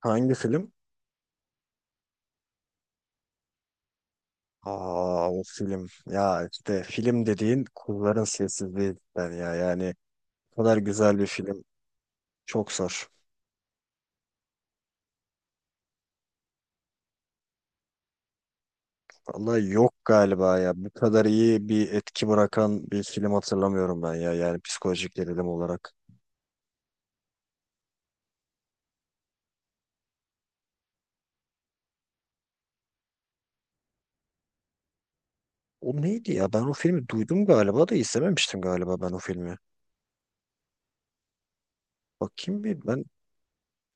Hangi film? Aa, o film. Ya işte film dediğin kulların sessizliği cidden ya. Yani bu kadar güzel bir film. Çok zor. Vallahi yok galiba ya. Bu kadar iyi bir etki bırakan bir film hatırlamıyorum ben ya. Yani psikolojik gerilim olarak. O neydi ya? Ben o filmi duydum galiba da izlememiştim galiba ben o filmi. Bakayım bir ben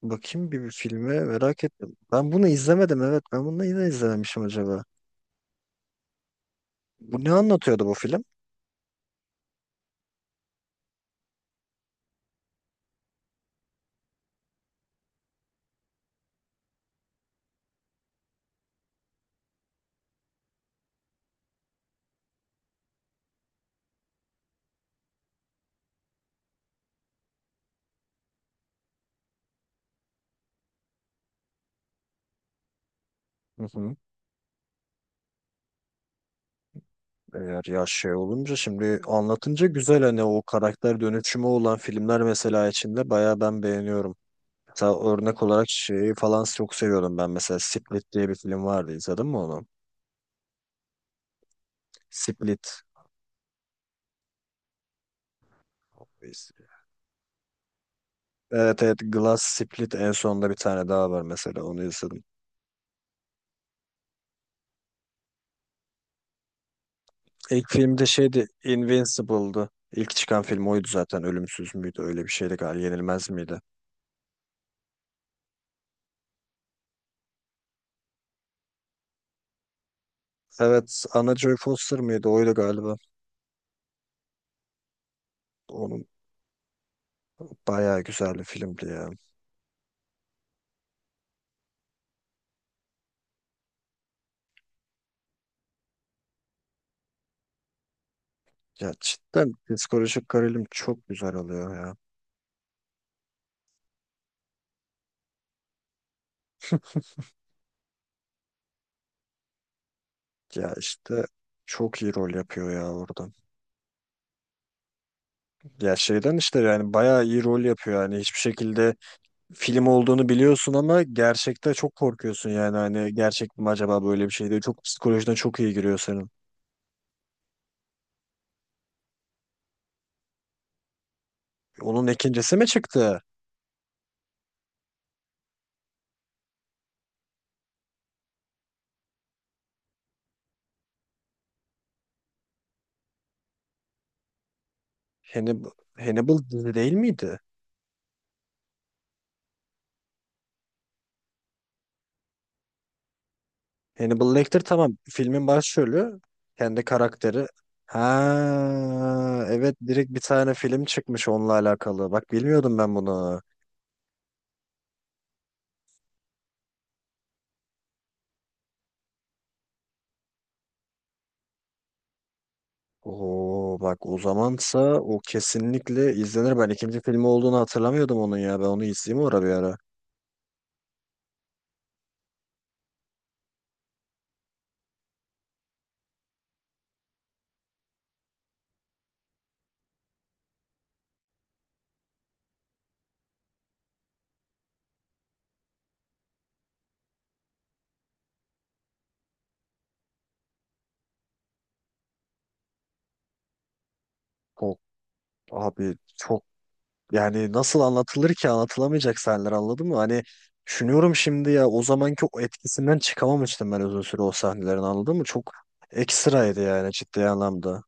Bakayım bir filme merak ettim. Ben bunu izlemedim, evet. Ben bunu neden izlememişim acaba? Bu ne anlatıyordu bu film? Hı hı. Eğer ya şey olunca şimdi anlatınca güzel, hani o karakter dönüşümü olan filmler mesela içinde bayağı ben beğeniyorum. Mesela örnek olarak şeyi falan çok seviyordum ben, mesela Split diye bir film vardı, izledin mi onu? Split. Evet, evet, Glass, Split, en sonunda bir tane daha var mesela, onu izledim. İlk filmde şeydi, Invincible'dı. İlk çıkan film oydu zaten. Ölümsüz müydü? Öyle bir şeydi galiba. Yenilmez miydi? Evet. Anna Joy Foster mıydı? Oydu galiba. Onun bayağı güzel bir filmdi ya. Ya cidden psikolojik gerilim çok güzel oluyor ya. Ya işte çok iyi rol yapıyor ya orada. Ya şeyden işte, yani bayağı iyi rol yapıyor. Yani hiçbir şekilde film olduğunu biliyorsun ama gerçekte çok korkuyorsun yani. Hani gerçek mi acaba böyle bir şey diye. Çok psikolojiden çok iyi giriyor senin. Onun ikincisi mi çıktı? Hannibal, Hannibal dizi değil miydi? Hannibal Lecter, tamam. Filmin başrolü. Kendi karakteri. Ha, evet, direkt bir tane film çıkmış onunla alakalı. Bak, bilmiyordum ben bunu. Oo, bak, o zamansa o kesinlikle izlenir. Ben ikinci filmi olduğunu hatırlamıyordum onun ya. Ben onu izleyeyim mi ora bir ara. Çok, abi, çok. Yani nasıl anlatılır ki, anlatılamayacak sahneler, anladın mı? Hani düşünüyorum şimdi ya, o zamanki o etkisinden çıkamamıştım ben uzun süre o sahnelerin, anladın mı? Çok ekstraydı yani, ciddi anlamda.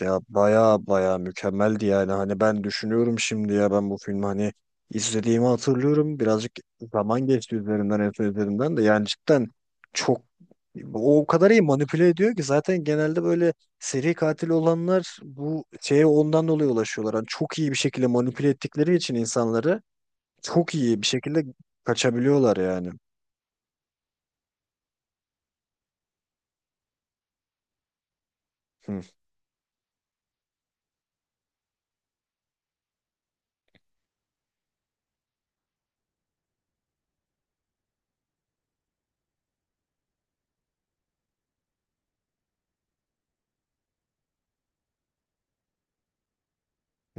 Ya baya baya mükemmeldi yani, hani ben düşünüyorum şimdi ya, ben bu filmi hani izlediğimi hatırlıyorum, birazcık zaman geçti üzerinden en son izlediğimden de, yani cidden çok o kadar iyi manipüle ediyor ki, zaten genelde böyle seri katil olanlar bu şeye ondan dolayı ulaşıyorlar, hani çok iyi bir şekilde manipüle ettikleri için insanları, çok iyi bir şekilde kaçabiliyorlar yani. Hı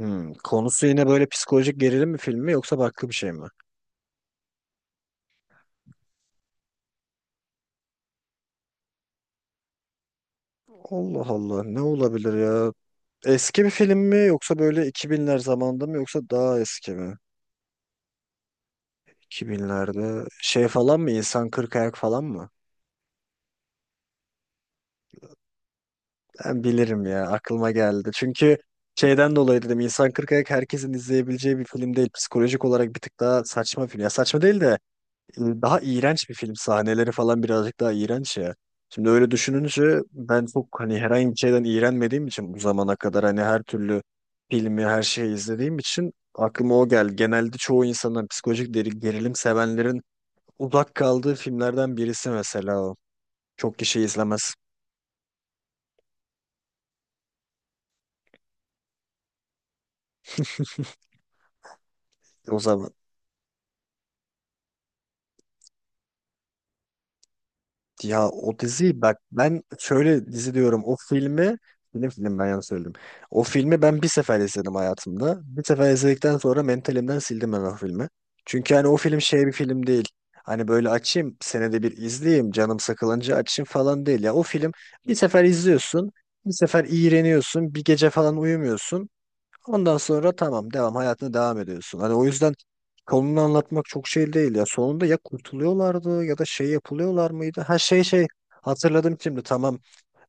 hı. Konusu yine böyle psikolojik gerilim mi filmi, yoksa farklı bir şey mi? Allah Allah, ne olabilir ya? Eski bir film mi, yoksa böyle 2000'ler zamanında mı, yoksa daha eski mi? 2000'lerde şey falan mı, İnsan Kırk Ayak falan mı? Ben bilirim ya, aklıma geldi. Çünkü şeyden dolayı dedim, İnsan Kırk Ayak herkesin izleyebileceği bir film değil. Psikolojik olarak bir tık daha saçma film. Ya saçma değil de daha iğrenç bir film. Sahneleri falan birazcık daha iğrenç ya. Şimdi öyle düşününce, ben çok hani herhangi bir şeyden iğrenmediğim için bu zamana kadar, hani her türlü filmi, her şeyi izlediğim için aklıma o geldi. Genelde çoğu insanın, psikolojik gerilim sevenlerin uzak kaldığı filmlerden birisi mesela o. Çok kişi izlemez. O, ya o diziyi, bak ben şöyle dizi diyorum, o filmi, film, film, ben yanlış söyledim. O filmi ben bir sefer izledim hayatımda. Bir sefer izledikten sonra mentalimden sildim ben o filmi. Çünkü hani o film şey bir film değil. Hani böyle açayım senede bir izleyeyim, canım sıkılınca açayım falan değil. Ya o film bir sefer izliyorsun, bir sefer iğreniyorsun, bir gece falan uyumuyorsun. Ondan sonra tamam, hayatına devam ediyorsun. Hani o yüzden konunu anlatmak çok şey değil ya. Sonunda ya kurtuluyorlardı, ya da şey yapılıyorlar mıydı? Ha şey hatırladım şimdi, tamam.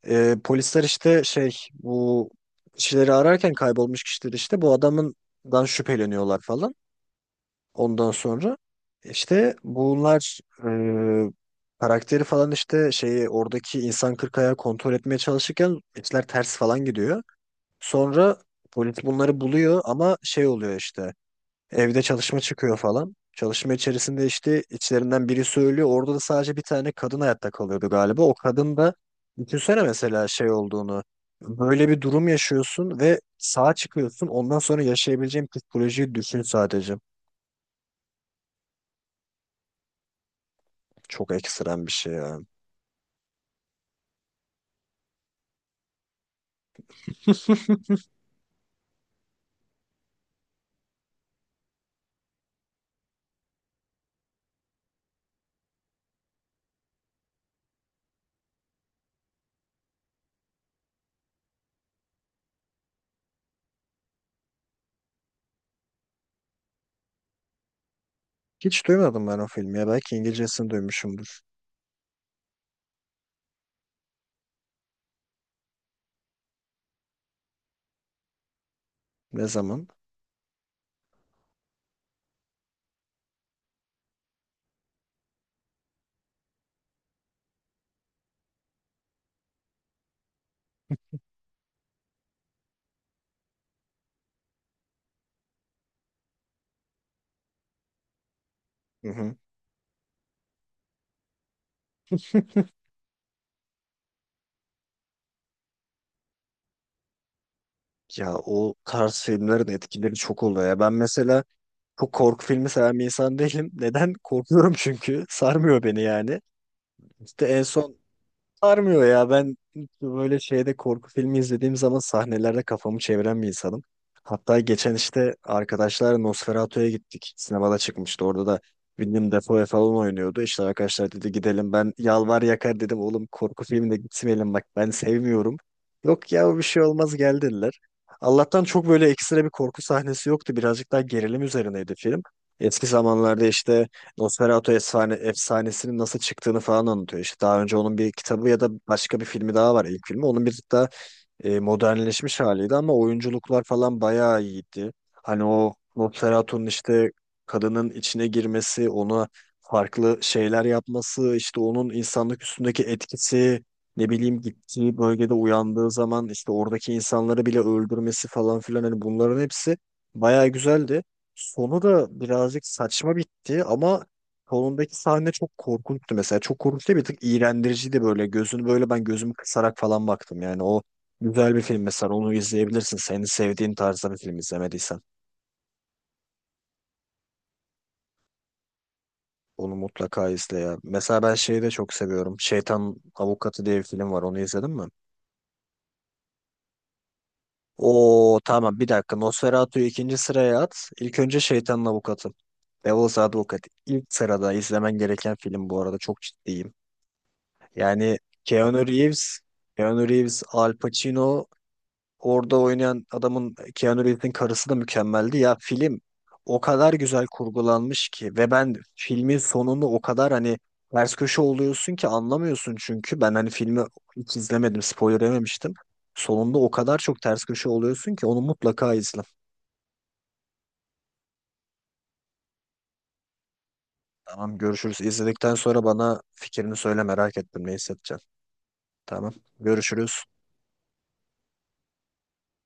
Polisler işte şey, bu kişileri ararken, kaybolmuş kişileri işte, bu adamından şüpheleniyorlar falan. Ondan sonra işte bunlar karakteri falan, işte şeyi oradaki insan kırk ayağı kontrol etmeye çalışırken işler ters falan gidiyor. Sonra polis bunları buluyor ama şey oluyor işte. Evde çalışma çıkıyor falan. Çalışma içerisinde işte içlerinden biri söylüyor. Orada da sadece bir tane kadın hayatta kalıyordu galiba. O kadın da düşünsene mesela şey olduğunu. Böyle bir durum yaşıyorsun ve sağ çıkıyorsun. Ondan sonra yaşayabileceğin psikolojiyi düşün sadece. Çok ekstrem bir şey ya. Hiç duymadım ben o filmi ya. Belki İngilizcesini duymuşumdur. Ne zaman? Hı hı. Ya o tarz filmlerin etkileri çok oluyor ya. Ben mesela çok korku filmi seven bir insan değilim. Neden? Korkuyorum çünkü. Sarmıyor beni yani. İşte en son. Sarmıyor ya, ben böyle şeyde korku filmi izlediğim zaman sahnelerde kafamı çeviren bir insanım. Hatta geçen işte arkadaşlar Nosferatu'ya gittik. Sinemada çıkmıştı. Orada da Willem Dafoe falan oynuyordu. İşte arkadaşlar dedi gidelim. Ben yalvar yakar dedim, oğlum korku filmine gitmeyelim, bak ben sevmiyorum. Yok ya, bir şey olmaz, gel dediler. Allah'tan çok böyle ekstra bir korku sahnesi yoktu. Birazcık daha gerilim üzerineydi film. Eski zamanlarda işte Nosferatu efsanesinin nasıl çıktığını falan anlatıyor. İşte daha önce onun bir kitabı ya da başka bir filmi daha var, ilk filmi. Onun bir de modernleşmiş haliydi, ama oyunculuklar falan bayağı iyiydi. Hani o Nosferatu'nun işte kadının içine girmesi, ona farklı şeyler yapması, işte onun insanlık üstündeki etkisi, ne bileyim gittiği bölgede uyandığı zaman işte oradaki insanları bile öldürmesi falan filan, hani bunların hepsi bayağı güzeldi. Sonu da birazcık saçma bitti ama sonundaki sahne çok korkunçtu mesela. Çok korkunç değil, bir tık iğrendiriciydi böyle. Gözünü böyle, ben gözümü kısarak falan baktım yani. O, güzel bir film mesela, onu izleyebilirsin. Senin sevdiğin tarzda bir film izlemediysen. Onu mutlaka izle ya. Mesela ben şeyi de çok seviyorum. Şeytan Avukatı diye bir film var. Onu izledin mi? Oo tamam, bir dakika. Nosferatu'yu ikinci sıraya at. İlk önce Şeytanın Avukatı. Devil's Advocate. İlk sırada izlemen gereken film bu arada. Çok ciddiyim. Yani Keanu Reeves, Keanu Reeves, Al Pacino. Orada oynayan adamın, Keanu Reeves'in karısı da mükemmeldi. Ya film o kadar güzel kurgulanmış ki, ve ben filmin sonunu o kadar hani ters köşe oluyorsun ki anlamıyorsun, çünkü ben hani filmi hiç izlemedim, spoiler yememiştim. Sonunda o kadar çok ters köşe oluyorsun ki, onu mutlaka izle. Tamam, görüşürüz. İzledikten sonra bana fikrini söyle, merak ettim ne hissedeceksin. Tamam, görüşürüz.